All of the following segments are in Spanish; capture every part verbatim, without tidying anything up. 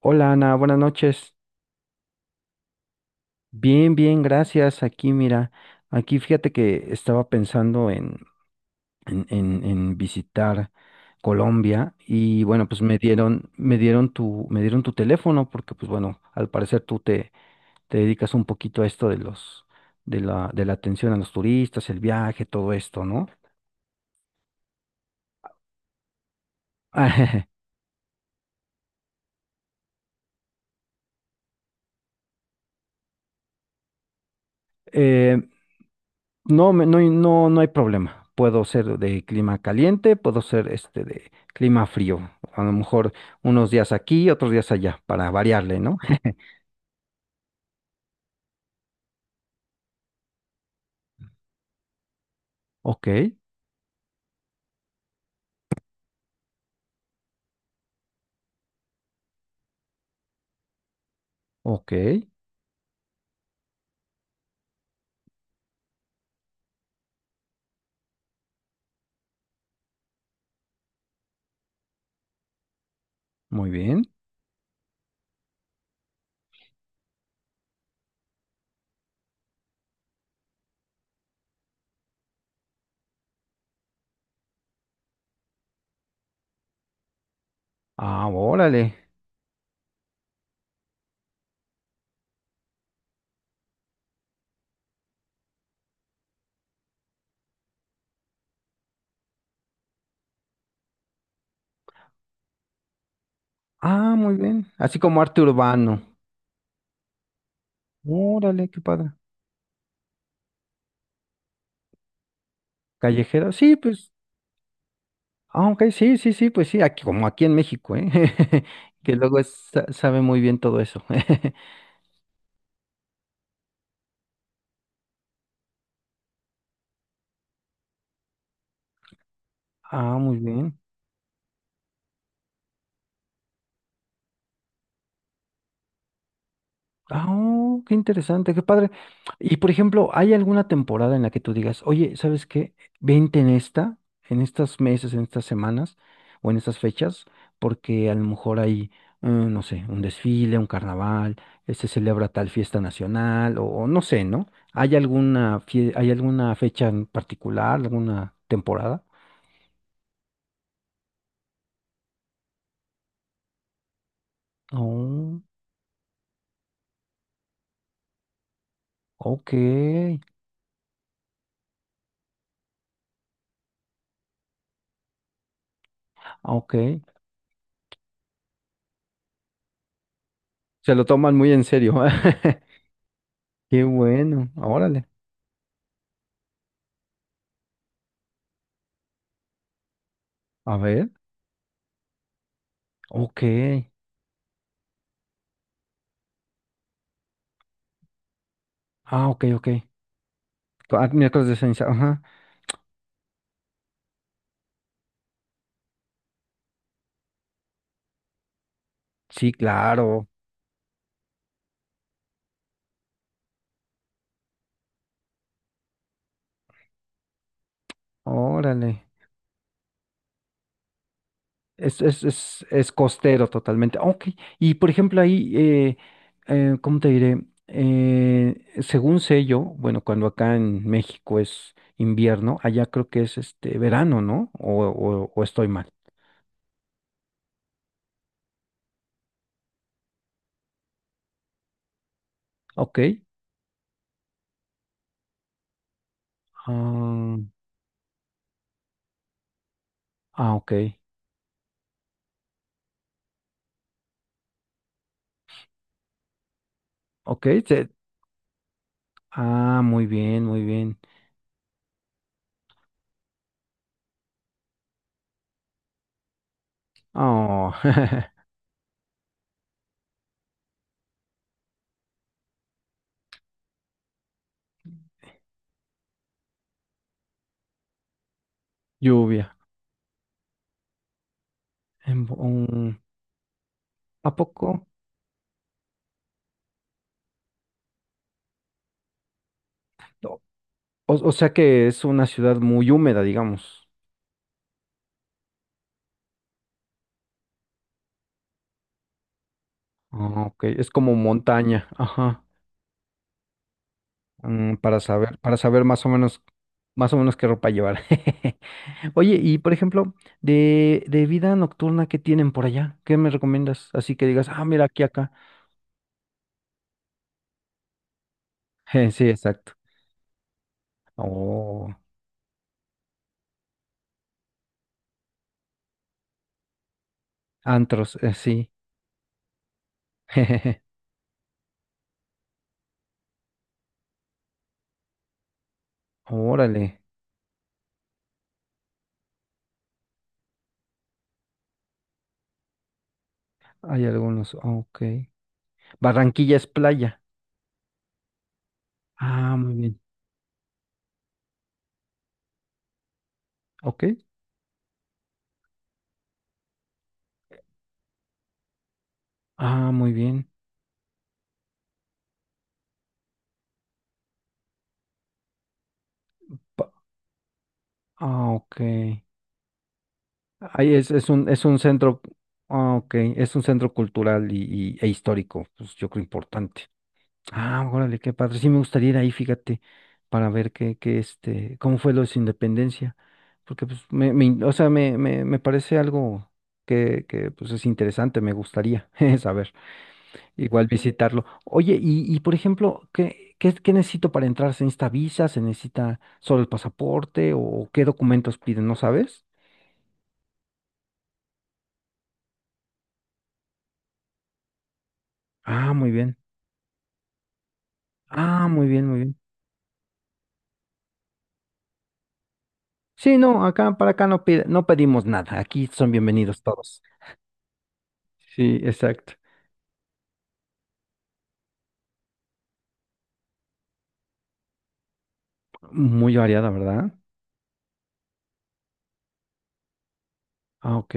Hola Ana, buenas noches. Bien, bien, gracias. Aquí, mira, aquí fíjate que estaba pensando en, en, en- en visitar Colombia y bueno, pues me dieron, me dieron tu, me dieron tu teléfono porque pues bueno, al parecer tú te, te dedicas un poquito a esto de los, de la, de la atención a los turistas, el viaje, todo esto, ¿no? Eh, No, me- no, hay- no, no hay problema. Puedo ser de clima caliente, puedo ser este de clima frío. A lo mejor unos días aquí, otros días allá, para variarle, ¿no? Ok, ok, muy bien. Ah, órale. Ah, muy bien. Así como arte urbano. Órale, qué padre. Callejero, sí, pues. Ah, ok, sí, sí, sí, pues sí, aquí, como aquí en México, ¿eh? Que luego es- sa- sabe muy bien todo eso. Ah, muy bien. Ah, oh, qué interesante, qué padre. Y por ejemplo, ¿hay alguna temporada en la que tú digas, oye, ¿sabes qué? Vente en esta, en estos meses, en estas semanas o en estas fechas, porque a lo mejor hay, eh, no sé, un desfile, un carnaval, eh, se celebra tal fiesta nacional o, o no sé, ¿no? ¿Hay alguna, fie- hay alguna fecha en particular, alguna temporada? Oh, ok, ok. Se lo toman muy en serio. Qué bueno, órale. A ver. Ok. Ah, ok, ok. Co- ah, miércoles de ceniza, ajá. Sí, claro. Órale. Es, es, es, es costero totalmente. Ah, ok. Y por ejemplo, ahí, eh, eh, ¿cómo te diré? Eh, según sé yo, bueno, cuando acá en México es invierno, allá creo que es este verano, ¿no? O, o, o estoy mal. Ok. Ah, ah, ok. Ok. se- ah, muy bien, muy bien. Oh, lluvia. Em, um, ¿a poco? O, o sea que es una ciudad muy húmeda, digamos. Ah, ok, es como montaña, ajá. Mm, para saber, para saber más o menos, más o menos qué ropa llevar. Oye, y por ejemplo, de, de vida nocturna, ¿qué tienen por allá? ¿Qué me recomiendas? Así que digas, ah, mira, aquí, acá. Eh, Sí, exacto. Oh, antros, eh, sí. Órale, hay algunos, ok. Barranquilla es playa. Ah, muy bien. Ok. Ah, muy bien. Pa- Ah, ok. Ahí es, es un, es un centro, ah, ok, es un centro cultural y, y- e histórico, pues yo creo importante. Ah, órale, qué padre. Sí me gustaría ir ahí, fíjate, para ver qué, qué este, cómo fue lo de su independencia. Porque pues me, me in- o sea, me, me, me parece algo que, que pues es interesante, me gustaría saber. Igual visitarlo. Oye, y, y por ejemplo, ¿qué, qué, ¿qué necesito para entrar? ¿Se necesita visa? ¿Se necesita solo el pasaporte? ¿O qué documentos piden? ¿No sabes? Ah, muy bien. Ah, muy bien, muy bien. Sí, no, acá para acá no, pide- no pedimos nada. Aquí son bienvenidos todos. Sí, exacto. Muy variada, ¿verdad? Ah, ok.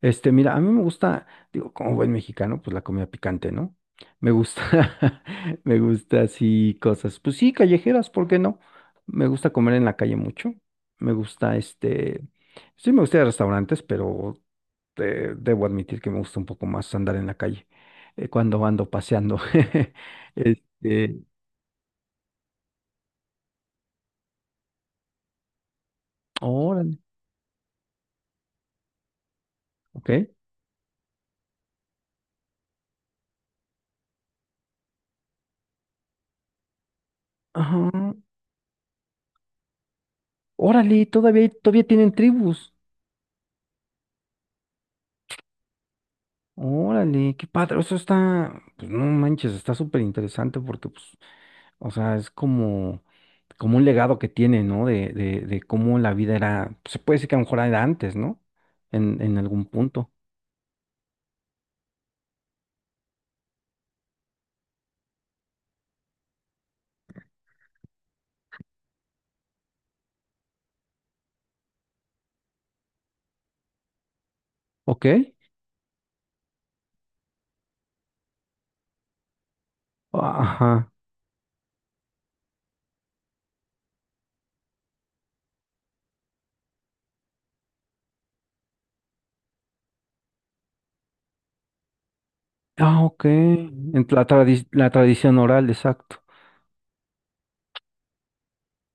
Este, mira, a mí me gusta, digo, como buen mexicano, pues la comida picante, ¿no? Me gusta, me gusta así cosas, pues sí, callejeras, ¿por qué no? Me gusta comer en la calle mucho. Me gusta, este, sí, me gusta ir a restaurantes, pero eh, debo admitir que me gusta un poco más andar en la calle eh, cuando ando paseando. Este, órale, ok. Ajá. Órale, todavía, todavía tienen tribus. Órale, qué padre. Eso está, pues no manches, está súper interesante porque, pues, o sea, es como, como un legado que tiene, ¿no? De, de, de cómo la vida era, se puede decir que a lo mejor era antes, ¿no? En, en algún punto. Ok. Ajá. Ah, ok. En la tradi- la tradición oral, exacto.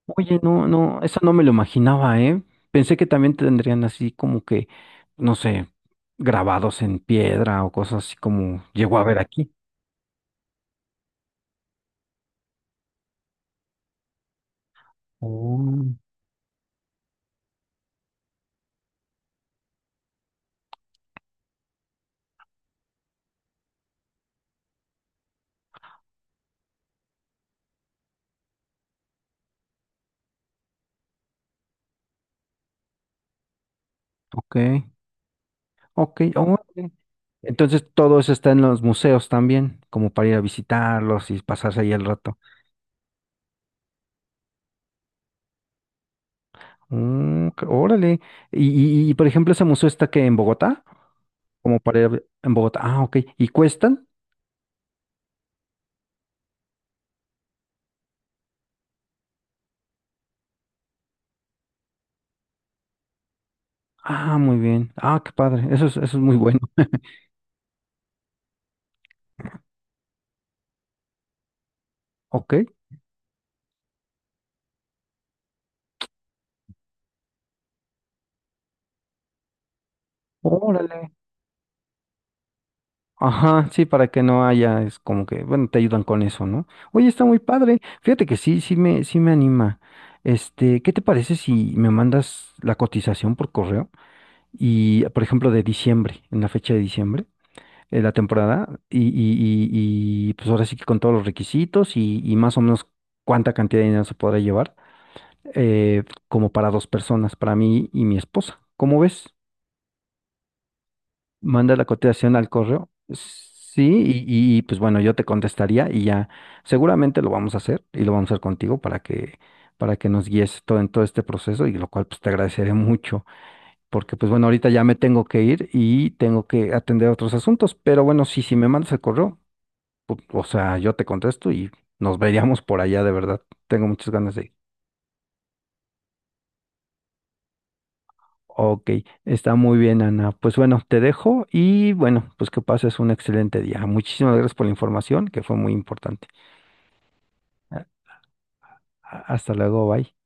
Oye, no, no, eso no me lo imaginaba, ¿eh? Pensé que también tendrían así como que, no sé, grabados en piedra o cosas así como llegó a ver aquí. Oh, ok, ok. Oh, ok. Entonces todo eso está en los museos también, como para ir a visitarlos y pasarse ahí el rato. Mm, qué- órale. Y, y, y, por ejemplo, ese museo está que en Bogotá, como para ir a ver- en Bogotá. Ah, ok. ¿Y cuestan? Ah, muy bien. Ah, qué padre. Eso es, eso es muy bueno. Ok. Órale. Ajá, sí, para que no haya, es como que, bueno, te ayudan con eso, ¿no? Oye, está muy padre. Fíjate que sí, sí me, sí me anima. Este, ¿qué te parece si me mandas la cotización por correo? Y, por ejemplo, de diciembre, en la fecha de diciembre, eh, la temporada, y, y, y, y, pues ahora sí que con todos los requisitos y, y más o menos cuánta cantidad de dinero se podrá llevar, eh, como para dos personas, para mí y mi esposa. ¿Cómo ves? Manda la cotización al correo. Sí, y, y, pues bueno, yo te contestaría y ya seguramente lo vamos a hacer y lo vamos a hacer contigo para que, para que nos guíes todo en todo este proceso y lo cual pues te agradeceré mucho porque pues bueno, ahorita ya me tengo que ir y tengo que atender otros asuntos, pero bueno, sí, si me mandas el correo, pu- o sea, yo te contesto y nos veríamos por allá de verdad. Tengo muchas ganas de ir. Ok, está muy bien, Ana. Pues bueno, te dejo y bueno, pues que pases un excelente día. Muchísimas gracias por la información, que fue muy importante. A- a- Hasta luego, bye.